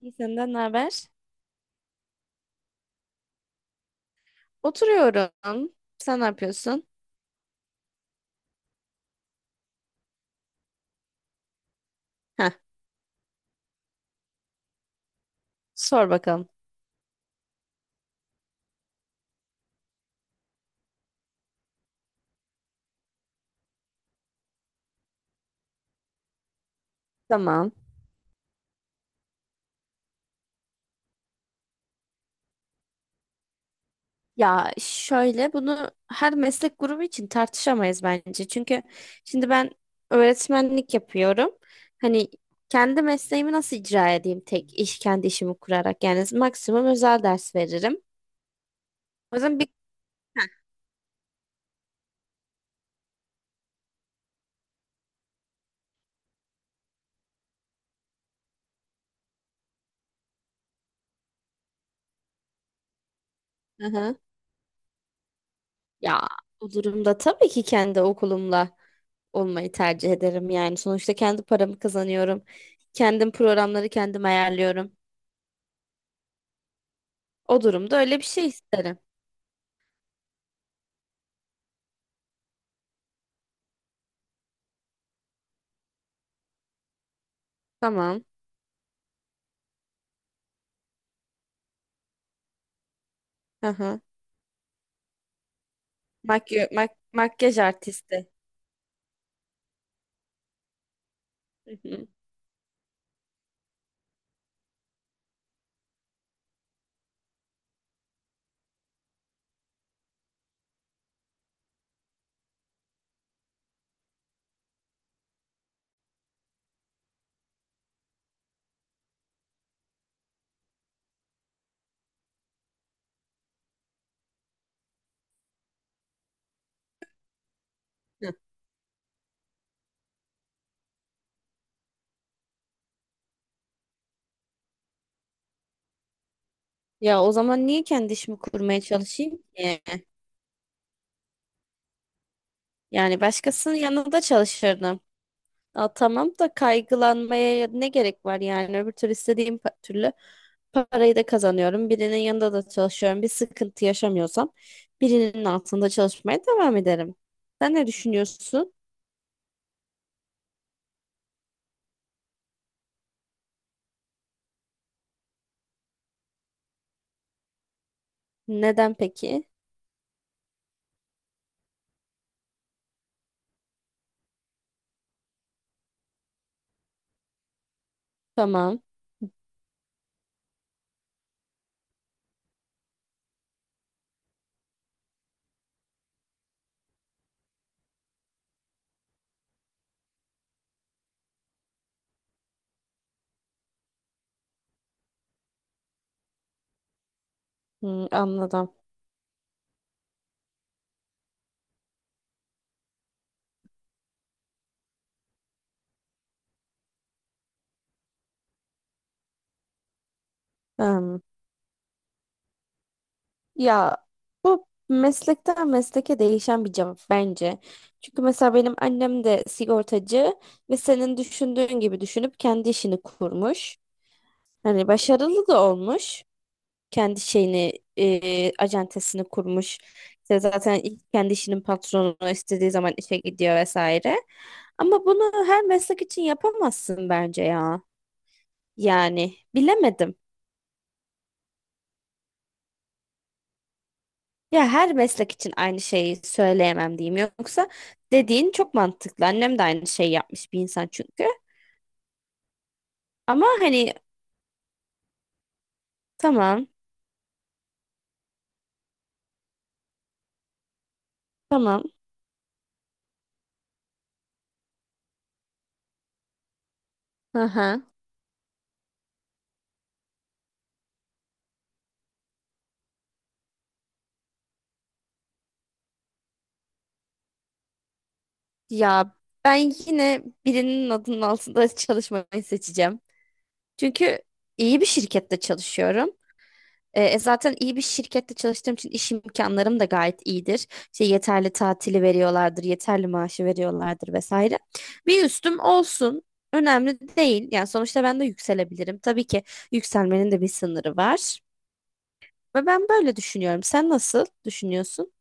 İyi, senden ne haber? Oturuyorum. Sen ne yapıyorsun? Heh, sor bakalım. Tamam. Ya şöyle, bunu her meslek grubu için tartışamayız bence. Çünkü şimdi ben öğretmenlik yapıyorum. Hani kendi mesleğimi nasıl icra edeyim tek iş kendi işimi kurarak? Yani maksimum özel ders veririm. O yüzden bir Heh, hı hı. Ya bu durumda tabii ki kendi okulumla olmayı tercih ederim yani. Sonuçta kendi paramı kazanıyorum. Kendim programları kendim ayarlıyorum. O durumda öyle bir şey isterim. Tamam. Hı hı. Makyaj artisti. Hı hı. Hı. Ya o zaman niye kendi işimi kurmaya çalışayım ki? Yani başkasının yanında çalışırdım. Aa, tamam da kaygılanmaya ne gerek var yani? Öbür türlü parayı da kazanıyorum. Birinin yanında da çalışıyorum. Bir sıkıntı yaşamıyorsam birinin altında çalışmaya devam ederim. Sen ne düşünüyorsun? Neden peki? Tamam. Hmm, anladım. Hmm. Ya bu meslekten mesleke değişen bir cevap bence. Çünkü mesela benim annem de sigortacı ve senin düşündüğün gibi düşünüp kendi işini kurmuş. Hani başarılı da olmuş. Kendi şeyini, acentesini kurmuş. İşte zaten ilk kendi işinin patronu, istediği zaman işe gidiyor vesaire. Ama bunu her meslek için yapamazsın bence ya. Yani bilemedim. Ya her meslek için aynı şeyi söyleyemem diyeyim. Yoksa dediğin çok mantıklı. Annem de aynı şeyi yapmış bir insan çünkü. Ama hani tamam, tamam. Hı hı. Ya ben yine birinin adının altında çalışmayı seçeceğim. Çünkü iyi bir şirkette çalışıyorum. Zaten iyi bir şirkette çalıştığım için iş imkanlarım da gayet iyidir. İşte yeterli tatili veriyorlardır, yeterli maaşı veriyorlardır vesaire. Bir üstüm olsun. Önemli değil. Yani sonuçta ben de yükselebilirim. Tabii ki yükselmenin de bir sınırı var. Ve ben böyle düşünüyorum. Sen nasıl düşünüyorsun?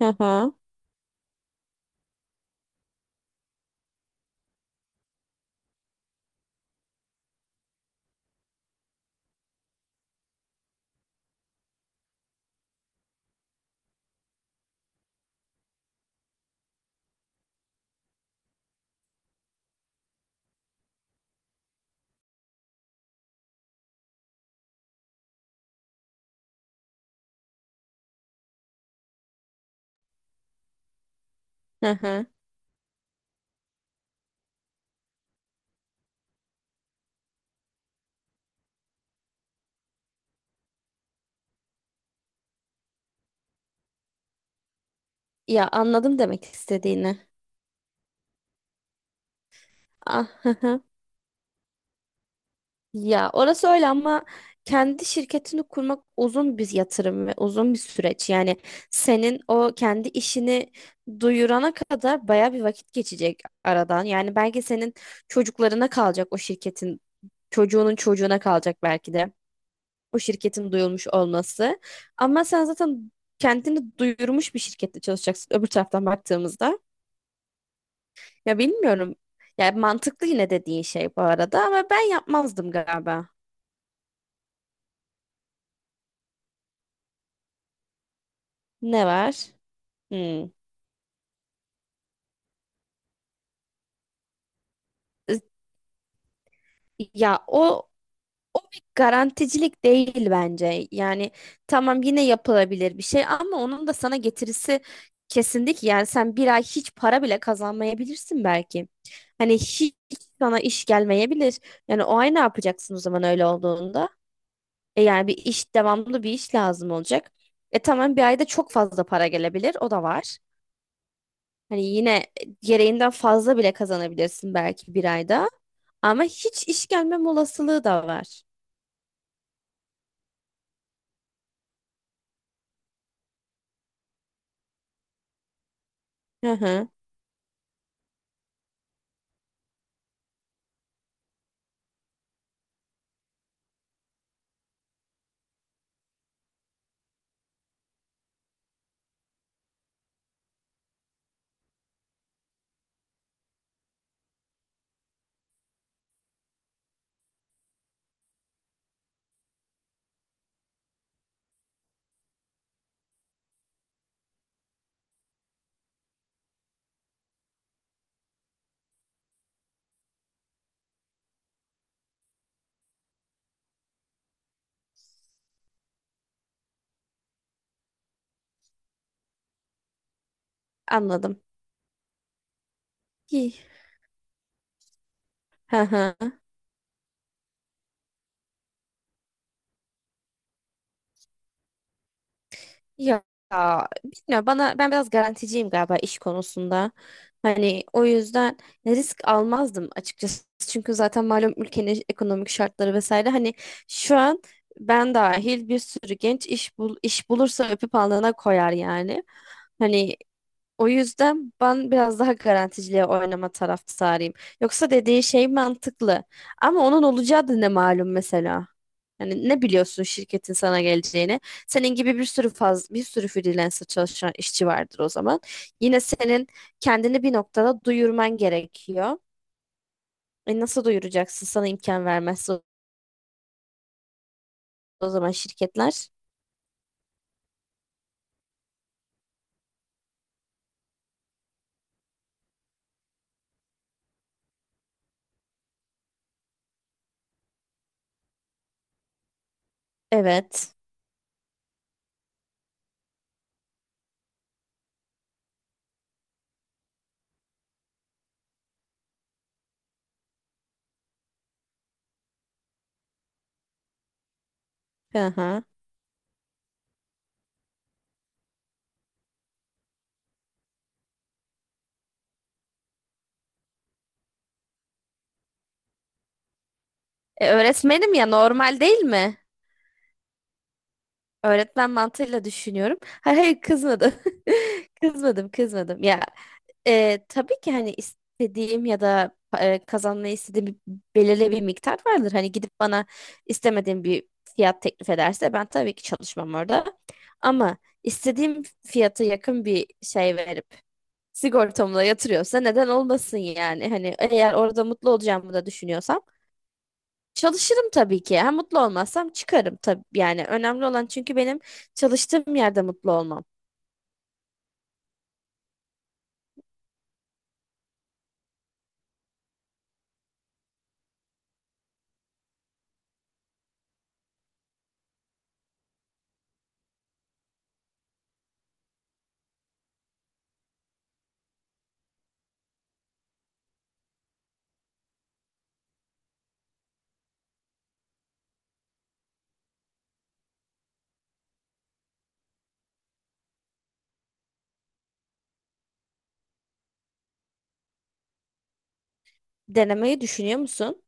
Hı hı. Hı hı. Ya anladım demek istediğini. Ah, ya orası öyle ama kendi şirketini kurmak uzun bir yatırım ve uzun bir süreç. Yani senin o kendi işini duyurana kadar baya bir vakit geçecek aradan. Yani belki senin çocuklarına kalacak o şirketin, çocuğunun çocuğuna kalacak belki de o şirketin duyulmuş olması. Ama sen zaten kendini duyurmuş bir şirkette çalışacaksın öbür taraftan baktığımızda. Ya bilmiyorum. Ya mantıklı yine dediğin şey bu arada ama ben yapmazdım galiba. Ne var? Hmm. Ya o o bir garanticilik değil bence. Yani tamam, yine yapılabilir bir şey ama onun da sana getirisi kesinlikle ki. Yani sen bir ay hiç para bile kazanmayabilirsin belki. Hani hiç sana iş gelmeyebilir. Yani o ay ne yapacaksın o zaman öyle olduğunda? E yani bir iş devamlı bir iş lazım olacak. E tamam, bir ayda çok fazla para gelebilir. O da var. Hani yine gereğinden fazla bile kazanabilirsin belki bir ayda. Ama hiç iş gelmem olasılığı da var. Hı hı, anladım. İyi. Hı hı. Ya bilmiyorum, bana ben biraz garanticiyim galiba iş konusunda. Hani o yüzden risk almazdım açıkçası. Çünkü zaten malum ülkenin ekonomik şartları vesaire, hani şu an ben dahil bir sürü genç iş bulursa öpüp alnına koyar yani. Hani o yüzden ben biraz daha garanticiliğe oynama taraftarıyım. Yoksa dediği şey mantıklı. Ama onun olacağı da ne malum mesela. Yani ne biliyorsun şirketin sana geleceğini? Senin gibi bir sürü bir sürü freelancer çalışan işçi vardır o zaman. Yine senin kendini bir noktada duyurman gerekiyor. E nasıl duyuracaksın? Sana imkan vermezse o o zaman şirketler. Evet. Aha. E öğretmenim ya, normal değil mi? Öğretmen mantığıyla düşünüyorum. Hayır hayır, kızmadım. Kızmadım, kızmadım. Ya tabii ki hani istediğim ya da kazanmayı istediğim bir, belirli bir miktar vardır. Hani gidip bana istemediğim bir fiyat teklif ederse ben tabii ki çalışmam orada. Ama istediğim fiyata yakın bir şey verip sigortamla yatırıyorsa neden olmasın yani? Hani eğer orada mutlu olacağımı da düşünüyorsam çalışırım tabii ki. Ha, mutlu olmazsam çıkarım tabii. Yani önemli olan, çünkü benim çalıştığım yerde mutlu olmam. Denemeyi düşünüyor musun?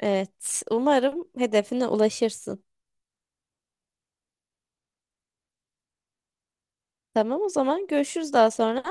Evet. Umarım hedefine ulaşırsın. Tamam, o zaman görüşürüz daha sonra.